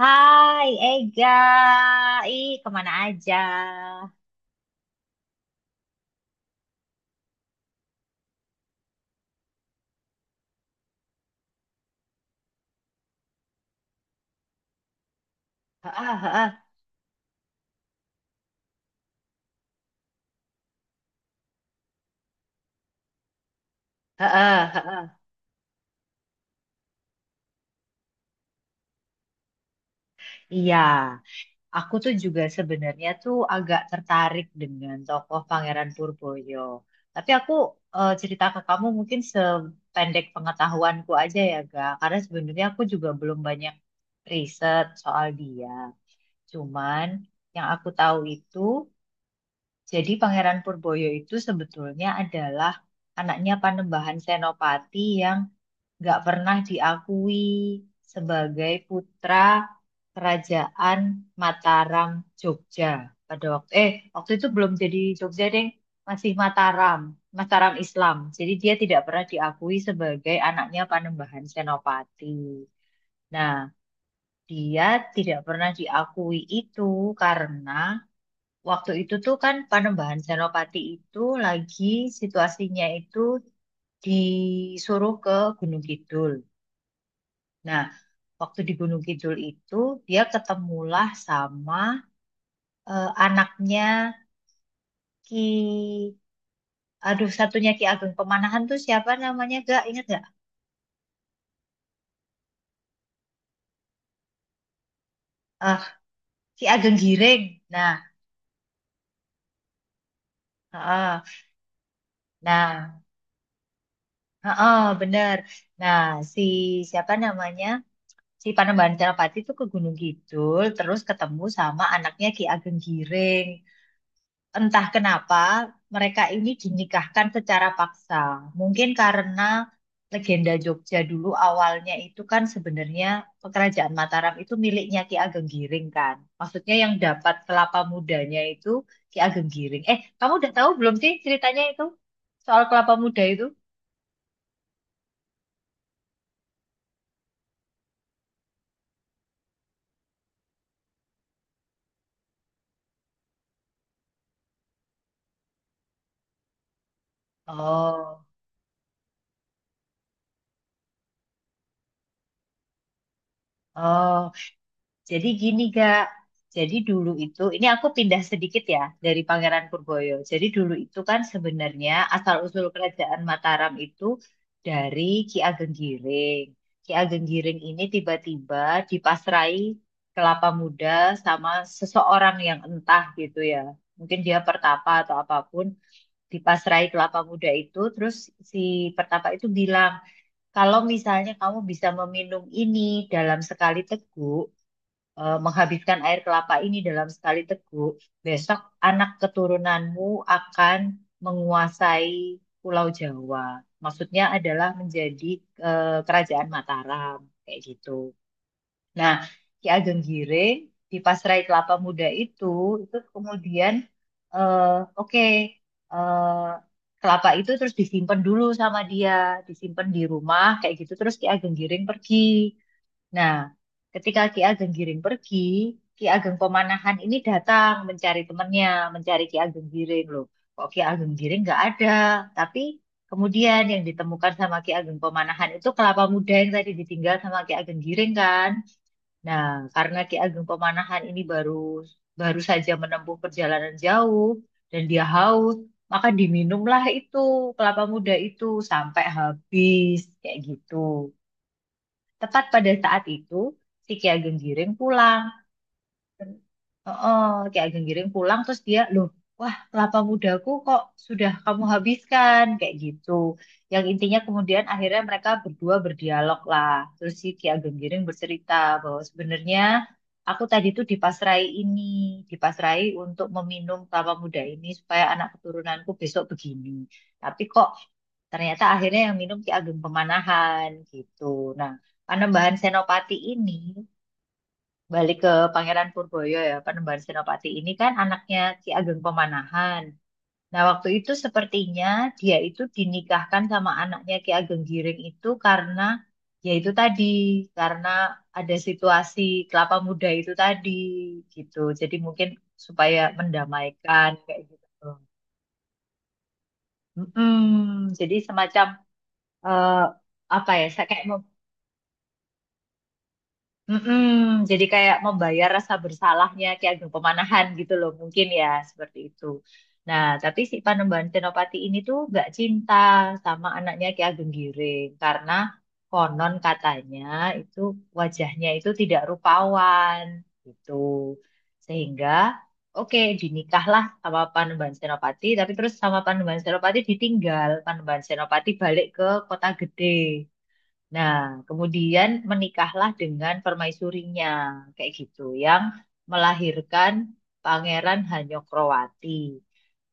Hai Ega, ih kemana aja? Heeh, heeh, heeh, heeh. Iya, aku tuh juga sebenarnya tuh agak tertarik dengan tokoh Pangeran Purboyo. Tapi aku cerita ke kamu mungkin sependek pengetahuanku aja ya, Ga. Karena sebenarnya aku juga belum banyak riset soal dia. Cuman yang aku tahu itu, jadi Pangeran Purboyo itu sebetulnya adalah anaknya Panembahan Senopati yang nggak pernah diakui sebagai putra Kerajaan Mataram Jogja pada waktu itu belum jadi Jogja deh, masih Mataram. Mataram Islam, jadi dia tidak pernah diakui sebagai anaknya Panembahan Senopati. Nah, dia tidak pernah diakui itu karena waktu itu tuh kan Panembahan Senopati itu lagi situasinya itu disuruh ke Gunung Kidul. Nah, waktu di Gunung Kidul itu dia ketemulah sama anaknya Ki Aduh, satunya Ki Ageng Pemanahan tuh siapa namanya? Gak inget gak? Eh, Ki Ageng Giring. Nah, heeh. Nah, heeh, bener. Nah, si siapa namanya? Si Panembahan Senapati itu ke Gunung Kidul terus ketemu sama anaknya Ki Ageng Giring. Entah kenapa mereka ini dinikahkan secara paksa. Mungkin karena legenda Jogja dulu awalnya itu kan sebenarnya kerajaan Mataram itu miliknya Ki Ageng Giring kan. Maksudnya yang dapat kelapa mudanya itu Ki Ageng Giring. Kamu udah tahu belum sih ceritanya itu soal kelapa muda itu? Oh, oh. Jadi gini Kak, jadi dulu itu, ini aku pindah sedikit ya dari Pangeran Purboyo. Jadi dulu itu kan sebenarnya asal-usul kerajaan Mataram itu dari Ki Ageng Giring. Ki Ageng Giring ini tiba-tiba dipasrai kelapa muda sama seseorang yang entah gitu ya. Mungkin dia pertapa atau apapun, dipasrai kelapa muda itu, terus si pertapa itu bilang, kalau misalnya kamu bisa meminum ini dalam sekali teguk, menghabiskan air kelapa ini dalam sekali teguk, besok anak keturunanmu akan menguasai Pulau Jawa. Maksudnya adalah menjadi kerajaan Mataram, kayak gitu. Nah, Ki Ageng Giring di Pasrai Kelapa Muda itu kemudian, eh, oke, eh, kelapa itu terus disimpan dulu sama dia, disimpan di rumah, kayak gitu. Terus Ki Ageng Giring pergi. Nah, ketika Ki Ageng Giring pergi, Ki Ageng Pemanahan ini datang mencari temannya, mencari Ki Ageng Giring loh. Kok Ki Ageng Giring nggak ada? Tapi kemudian yang ditemukan sama Ki Ageng Pemanahan itu kelapa muda yang tadi ditinggal sama Ki Ageng Giring kan. Nah, karena Ki Ageng Pemanahan ini baru baru saja menempuh perjalanan jauh dan dia haus, maka diminumlah itu kelapa muda itu sampai habis kayak gitu. Tepat pada saat itu, si Ki Ageng Giring pulang. Oh, kayak Genggiring pulang terus dia loh, wah, kelapa mudaku kok sudah kamu habiskan kayak gitu, yang intinya kemudian akhirnya mereka berdua berdialog lah, terus si Ki Ageng Giring bercerita bahwa sebenarnya aku tadi tuh dipasrai ini, dipasrai untuk meminum kelapa muda ini supaya anak keturunanku besok begini, tapi kok ternyata akhirnya yang minum Ki Ageng Pemanahan gitu. Nah, Panembahan Senopati ini balik ke Pangeran Purboyo ya, Panembahan Senopati ini kan anaknya Ki Ageng Pemanahan. Nah, waktu itu sepertinya dia itu dinikahkan sama anaknya Ki Ageng Giring itu karena ya itu tadi, karena ada situasi kelapa muda itu tadi gitu. Jadi mungkin supaya mendamaikan kayak gitu. Mm-mm. Jadi semacam eh, apa ya? Saya kayak. Mm-mm, jadi kayak membayar rasa bersalahnya Ki Ageng Pemanahan gitu loh, mungkin ya seperti itu. Nah, tapi si Panembahan Senopati ini tuh gak cinta sama anaknya Ki Ageng Giring karena konon katanya itu wajahnya itu tidak rupawan gitu. Sehingga oke, dinikahlah sama Panembahan Senopati, tapi terus sama Panembahan Senopati ditinggal. Panembahan Senopati balik ke kota gede. Nah, kemudian menikahlah dengan permaisurinya, kayak gitu, yang melahirkan Pangeran Hanyokroati.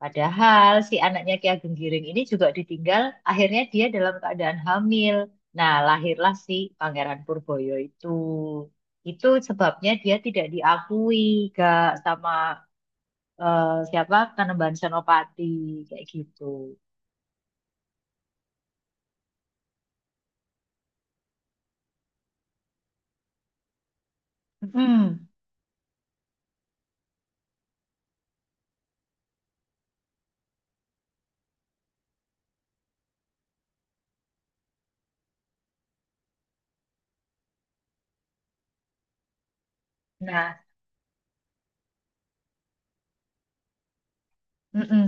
Padahal si anaknya Ki Ageng Giring ini juga ditinggal, akhirnya dia dalam keadaan hamil. Nah, lahirlah si Pangeran Purboyo itu. Itu sebabnya dia tidak diakui, gak sama siapa, Kanembahan Senopati, kayak gitu. Mm. Nah. Mm-mm.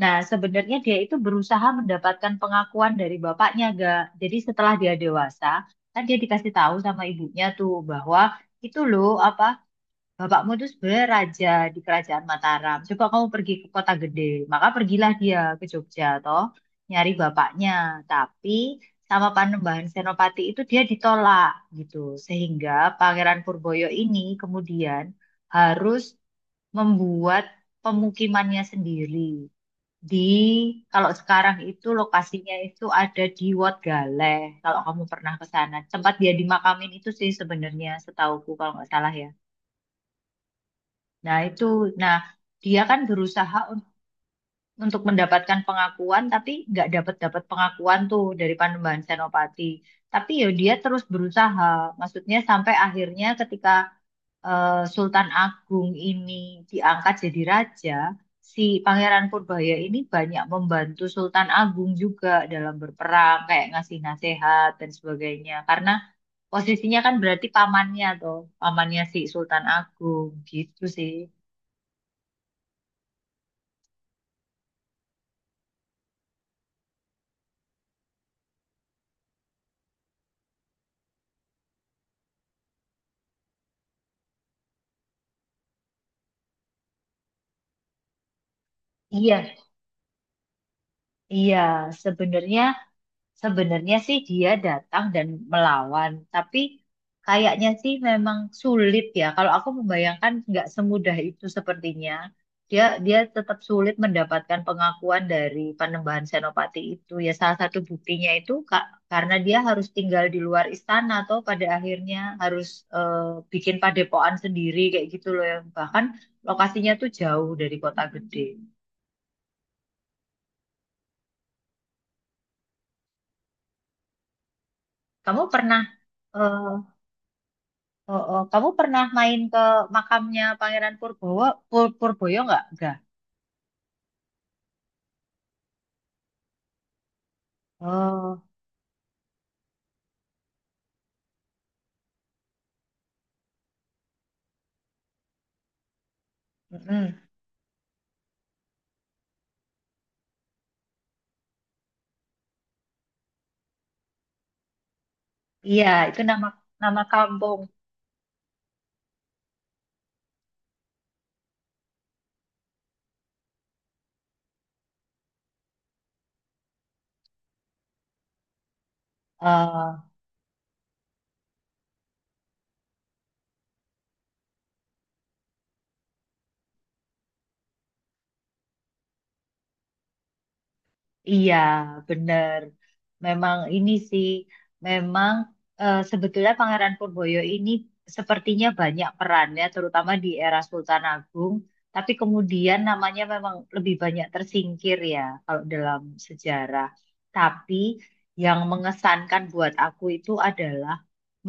Nah, sebenarnya dia itu berusaha mendapatkan pengakuan dari bapaknya, gak? Jadi setelah dia dewasa, kan dia dikasih tahu sama ibunya tuh bahwa itu loh apa, bapakmu tuh sebenarnya raja di kerajaan Mataram. Coba kamu pergi ke kota gede, maka pergilah dia ke Jogja toh, nyari bapaknya. Tapi sama Panembahan Senopati itu dia ditolak gitu, sehingga Pangeran Purboyo ini kemudian harus membuat pemukimannya sendiri di, kalau sekarang itu lokasinya itu ada di Wat Galeh. Kalau kamu pernah ke sana, tempat dia dimakamin itu sih sebenarnya setauku kalau nggak salah ya. Nah itu, nah, dia kan berusaha untuk mendapatkan pengakuan, tapi nggak dapat dapat pengakuan tuh dari Panembahan Senopati. Tapi ya dia terus berusaha, maksudnya sampai akhirnya ketika Sultan Agung ini diangkat jadi raja, si Pangeran Purbaya ini banyak membantu Sultan Agung juga dalam berperang, kayak ngasih nasihat dan sebagainya. Karena posisinya kan berarti pamannya tuh, pamannya si Sultan Agung gitu sih. Iya, iya, sebenarnya Sebenarnya sih dia datang dan melawan, tapi kayaknya sih memang sulit ya. Kalau aku membayangkan nggak semudah itu sepertinya. Dia dia tetap sulit mendapatkan pengakuan dari Panembahan Senopati itu. Ya salah satu buktinya itu karena dia harus tinggal di luar istana atau pada akhirnya harus eh, bikin padepokan sendiri kayak gitu loh, yang bahkan lokasinya tuh jauh dari kota gede. Kamu pernah eh, Oh, oh. Kamu pernah main ke makamnya Pangeran Purbowo, Purboyo nggak? Nggak. Oh, mm-mm. Iya, itu nama, kampung. eh, Iya, benar. Memang ini sih, memang sebetulnya Pangeran Purboyo ini sepertinya banyak perannya, terutama di era Sultan Agung. Tapi kemudian namanya memang lebih banyak tersingkir ya, kalau dalam sejarah. Tapi yang mengesankan buat aku itu adalah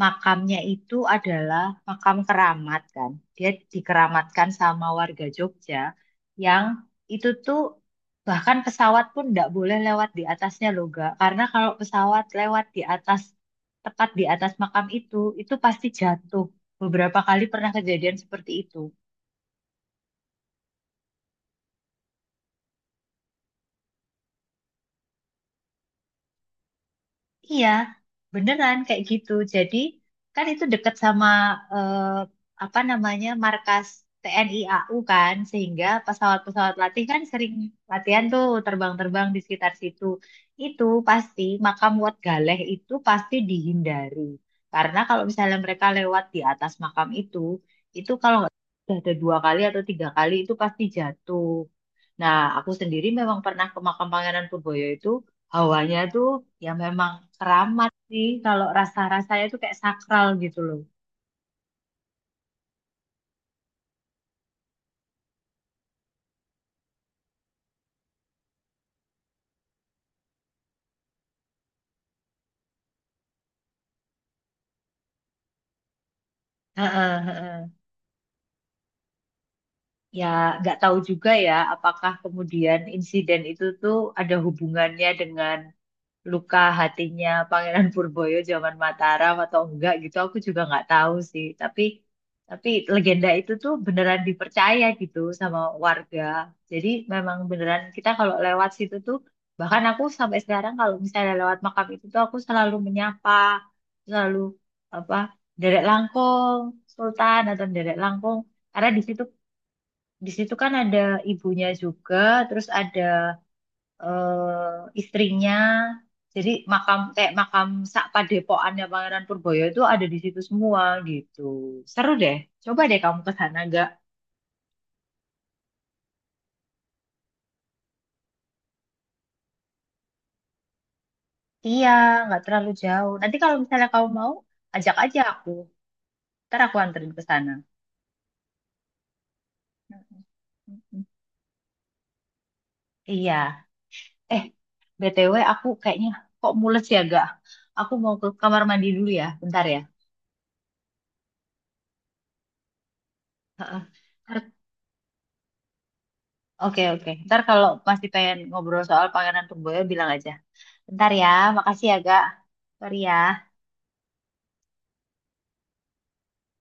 makamnya itu adalah makam keramat kan. Dia dikeramatkan sama warga Jogja yang itu tuh, bahkan pesawat pun nggak boleh lewat di atasnya loh, Ga. Karena kalau pesawat lewat di atas, tepat di atas makam itu pasti jatuh. Beberapa kali pernah kejadian seperti itu. Iya, beneran kayak gitu. Jadi kan itu deket sama eh, apa namanya, markas TNI AU kan, sehingga pesawat-pesawat latih kan sering latihan tuh terbang-terbang di sekitar situ. Itu pasti makam Wat Galeh itu pasti dihindari. Karena kalau misalnya mereka lewat di atas makam itu kalau nggak salah ada 2 kali atau 3 kali itu pasti jatuh. Nah, aku sendiri memang pernah ke makam Pangeran Purboyo itu, hawanya tuh ya memang keramat sih. Kalau rasa-rasanya tuh kayak sakral gitu loh. Heeh, heeh. Ya, nggak tahu juga ya apakah kemudian insiden itu tuh ada hubungannya dengan luka hatinya Pangeran Purboyo zaman Mataram atau enggak gitu, aku juga nggak tahu sih, tapi legenda itu tuh beneran dipercaya gitu sama warga, jadi memang beneran kita kalau lewat situ tuh, bahkan aku sampai sekarang kalau misalnya lewat makam itu tuh aku selalu menyapa, selalu apa, Derek Langkong Sultan atau Derek Langkong, karena di situ kan ada ibunya juga, terus ada istrinya. Jadi makam kayak makam sak padepokannya Pangeran Purboyo itu ada di situ semua gitu. Seru deh. Coba deh kamu ke sana gak? Iya, nggak terlalu jauh. Nanti kalau misalnya kamu mau, ajak aja aku. Ntar aku anterin ke sana. Mm-mm. Mm-mm. Iya. Eh, BTW aku kayaknya kok mules ya gak? Aku mau ke kamar mandi dulu ya. Bentar ya. Heeh. Ntar- Oke, oke. Ntar kalau masih pengen ngobrol soal Pangeran Purboyo, bilang aja. Bentar ya, makasih ya, Kak. Sorry ya.